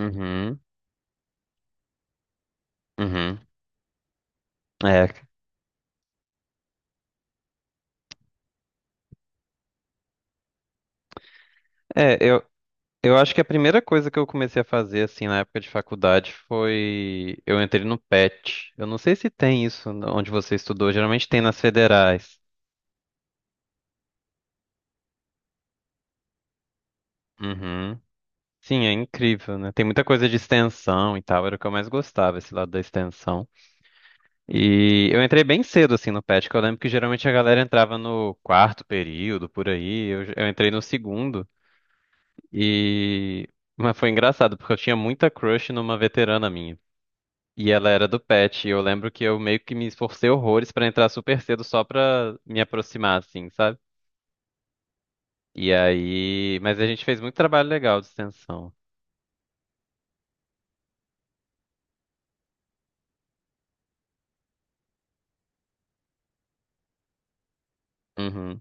Uhum, uhum. É, é, eu, eu acho que a primeira coisa que eu comecei a fazer, assim, na época de faculdade foi... Eu entrei no PET. Eu não sei se tem isso onde você estudou. Geralmente tem nas federais. Uhum. Sim, é incrível, né? Tem muita coisa de extensão e tal. Era o que eu mais gostava, esse lado da extensão. E eu entrei bem cedo, assim, no PET, que eu lembro que geralmente a galera entrava no quarto período, por aí. Eu entrei no segundo. E... Mas foi engraçado, porque eu tinha muita crush numa veterana minha. E ela era do pet, e eu lembro que eu meio que me esforcei horrores pra entrar super cedo só pra me aproximar, assim, sabe? E aí. Mas a gente fez muito trabalho legal de extensão. Uhum.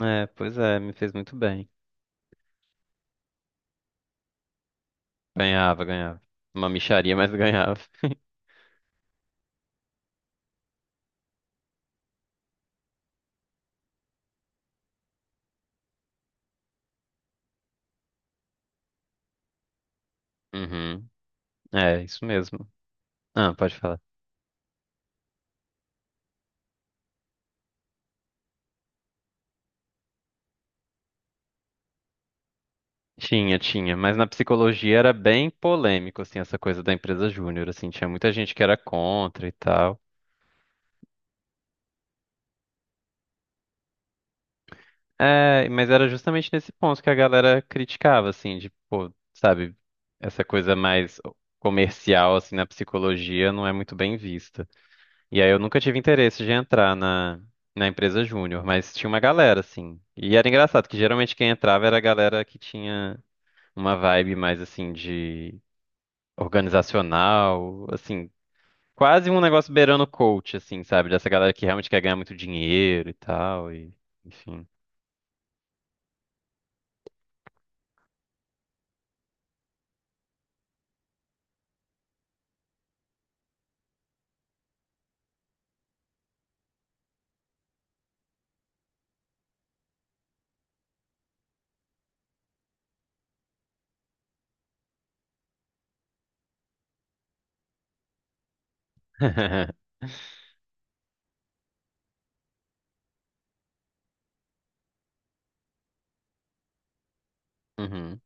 É, pois é, me fez muito bem. Ganhava, ganhava. Uma mixaria, mas ganhava. Uhum. É, isso mesmo. Ah, pode falar. Tinha, tinha, mas na psicologia era bem polêmico, assim, essa coisa da empresa júnior, assim, tinha muita gente que era contra e tal. É, mas era justamente nesse ponto que a galera criticava, assim, de, pô, sabe, essa coisa mais comercial, assim, na psicologia não é muito bem vista. E aí eu nunca tive interesse de entrar na empresa júnior, mas tinha uma galera, assim. E era engraçado que geralmente quem entrava era a galera que tinha uma vibe mais, assim, de organizacional, assim, quase um negócio beirando coach, assim, sabe, dessa galera que realmente quer ganhar muito dinheiro e tal, e, enfim. Uhum,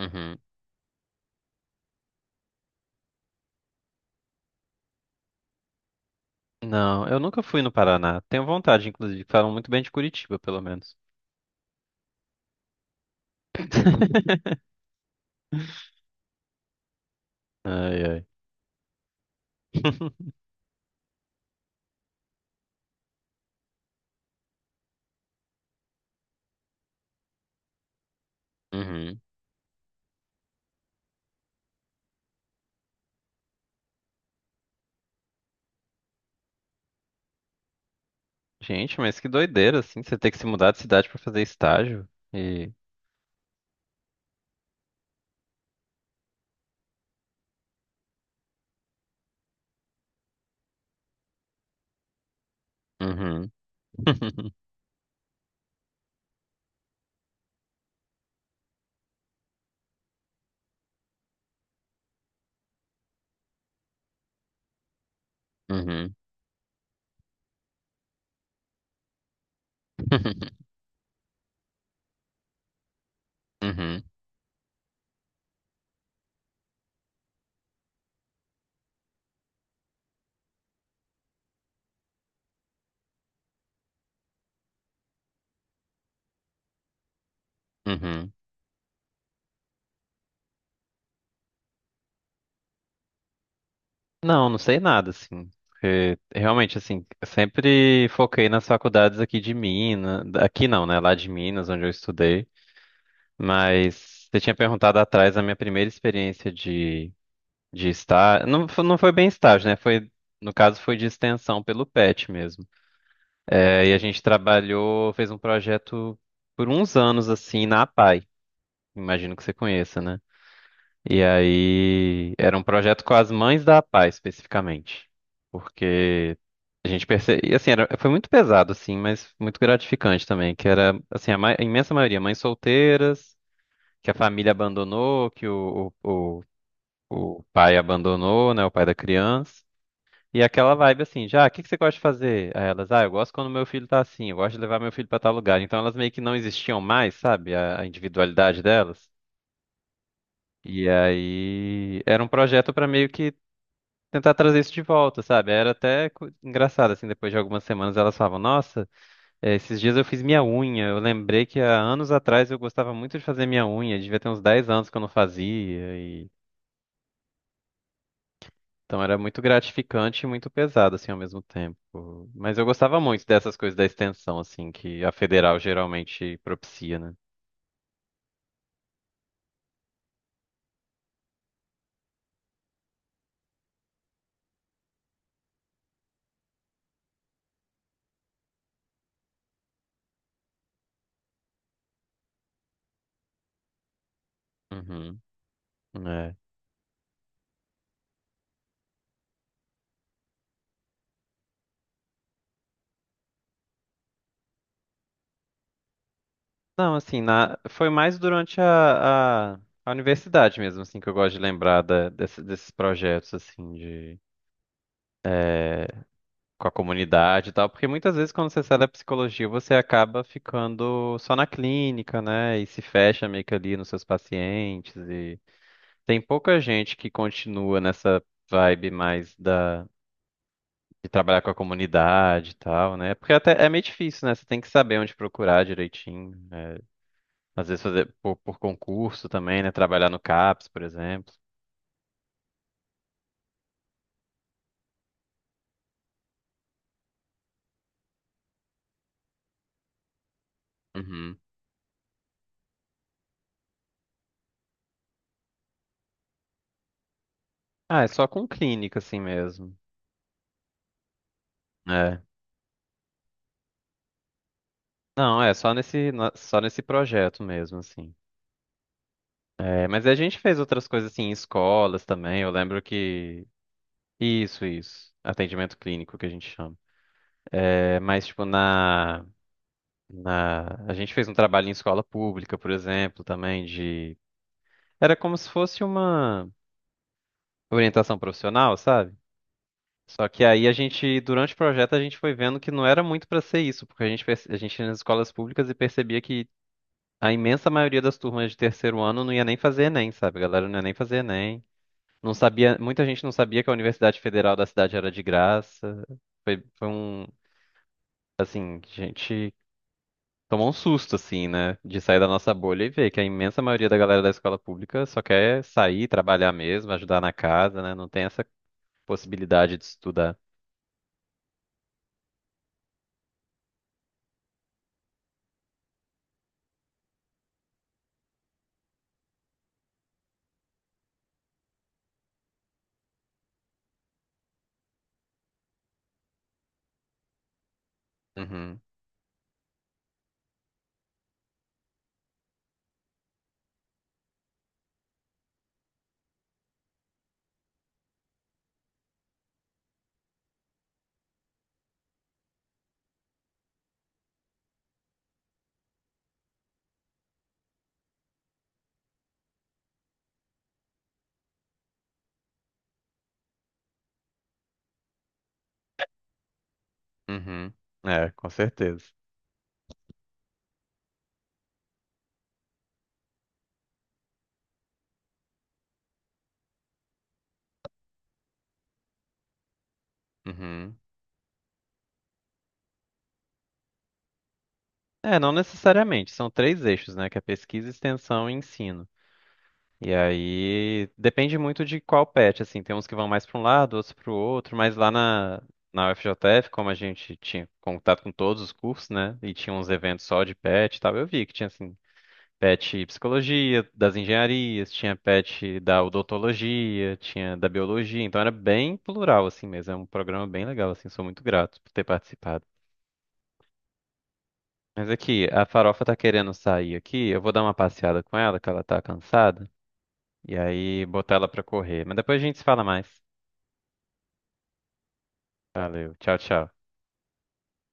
uhum. Não, eu nunca fui no Paraná. Tenho vontade, inclusive. Falam muito bem de Curitiba, pelo menos. Ai, ai. Uhum. Gente, mas que doideira, assim, você ter que se mudar de cidade pra fazer estágio. E. Uhum. Uhum. Uhum. Uhum. Não, não sei nada, assim. Porque, realmente, assim, eu sempre foquei nas faculdades aqui de Minas. Aqui não, né? Lá de Minas, onde eu estudei. Mas você tinha perguntado atrás a minha primeira experiência de. De estar. Não, não foi bem estágio, né? Foi, no caso, foi de extensão pelo PET mesmo. É, e a gente trabalhou, fez um projeto por uns anos, assim, na APAE. Imagino que você conheça, né? E aí, era um projeto com as mães da APAE, especificamente. Porque a gente percebe. E assim, era, foi muito pesado, assim, mas muito gratificante também. Que era, assim, a imensa maioria, mães solteiras, que a família abandonou, que o pai abandonou, né? O pai da criança. E aquela vibe assim, já, o que que você gosta de fazer? Aí elas, ah, eu gosto quando meu filho tá assim, eu gosto de levar meu filho pra tal lugar. Então elas meio que não existiam mais, sabe? A individualidade delas. E aí era um projeto pra meio que tentar trazer isso de volta, sabe? Era até engraçado, assim, depois de algumas semanas elas falavam, nossa, esses dias eu fiz minha unha. Eu lembrei que há anos atrás eu gostava muito de fazer minha unha, devia ter uns 10 anos que eu não fazia. Então era muito gratificante e muito pesado, assim, ao mesmo tempo. Mas eu gostava muito dessas coisas da extensão, assim, que a federal geralmente propicia, né? Uhum. É. Não, assim, na... foi mais durante a universidade mesmo, assim, que eu gosto de lembrar desses projetos, assim, de... é, com a comunidade e tal, porque muitas vezes quando você sai da psicologia, você acaba ficando só na clínica, né? E se fecha meio que ali nos seus pacientes. Tem pouca gente que continua nessa vibe mais da de trabalhar com a comunidade e tal, né? Porque até é meio difícil, né? Você tem que saber onde procurar direitinho. É, às vezes fazer por concurso também, né? Trabalhar no CAPS, por exemplo. Uhum. Ah, é só com clínica assim mesmo. É. Não, é só nesse só nesse projeto mesmo assim. É, mas a gente fez outras coisas assim em escolas também. Eu lembro que isso, isso. Atendimento clínico que a gente chama. É, mas tipo na. Na... A gente fez um trabalho em escola pública, por exemplo, também de. Era como se fosse uma orientação profissional, sabe? Só que aí a gente, durante o projeto, a gente foi vendo que não era muito para ser isso, porque a gente, a gente ia nas escolas públicas e percebia que a imensa maioria das turmas de terceiro ano não ia nem fazer Enem, sabe? A galera não ia nem fazer Enem. Não sabia, muita gente não sabia que a Universidade Federal da cidade era de graça. Foi, foi um, assim, gente. Tomou um susto, assim, né? De sair da nossa bolha e ver que a imensa maioria da galera da escola pública só quer sair, trabalhar mesmo, ajudar na casa, né? Não tem essa possibilidade de estudar. Uhum, uhum. É, com certeza. Uhum. É, não necessariamente. São três eixos, né? Que é pesquisa, extensão e ensino. E aí depende muito de qual pet, assim. Tem uns que vão mais para um lado, outros para o outro, mas lá na UFJF, como a gente tinha contato com todos os cursos, né? E tinha uns eventos só de pet e tal, eu vi que tinha assim pet psicologia, das engenharias, tinha pet da odontologia, tinha da biologia, então era bem plural assim mesmo, é um programa bem legal assim, sou muito grato por ter participado. Mas aqui, a Farofa tá querendo sair aqui, eu vou dar uma passeada com ela, que ela tá cansada, e aí botar ela pra correr. Mas depois a gente se fala mais. Valeu, tchau, tchau.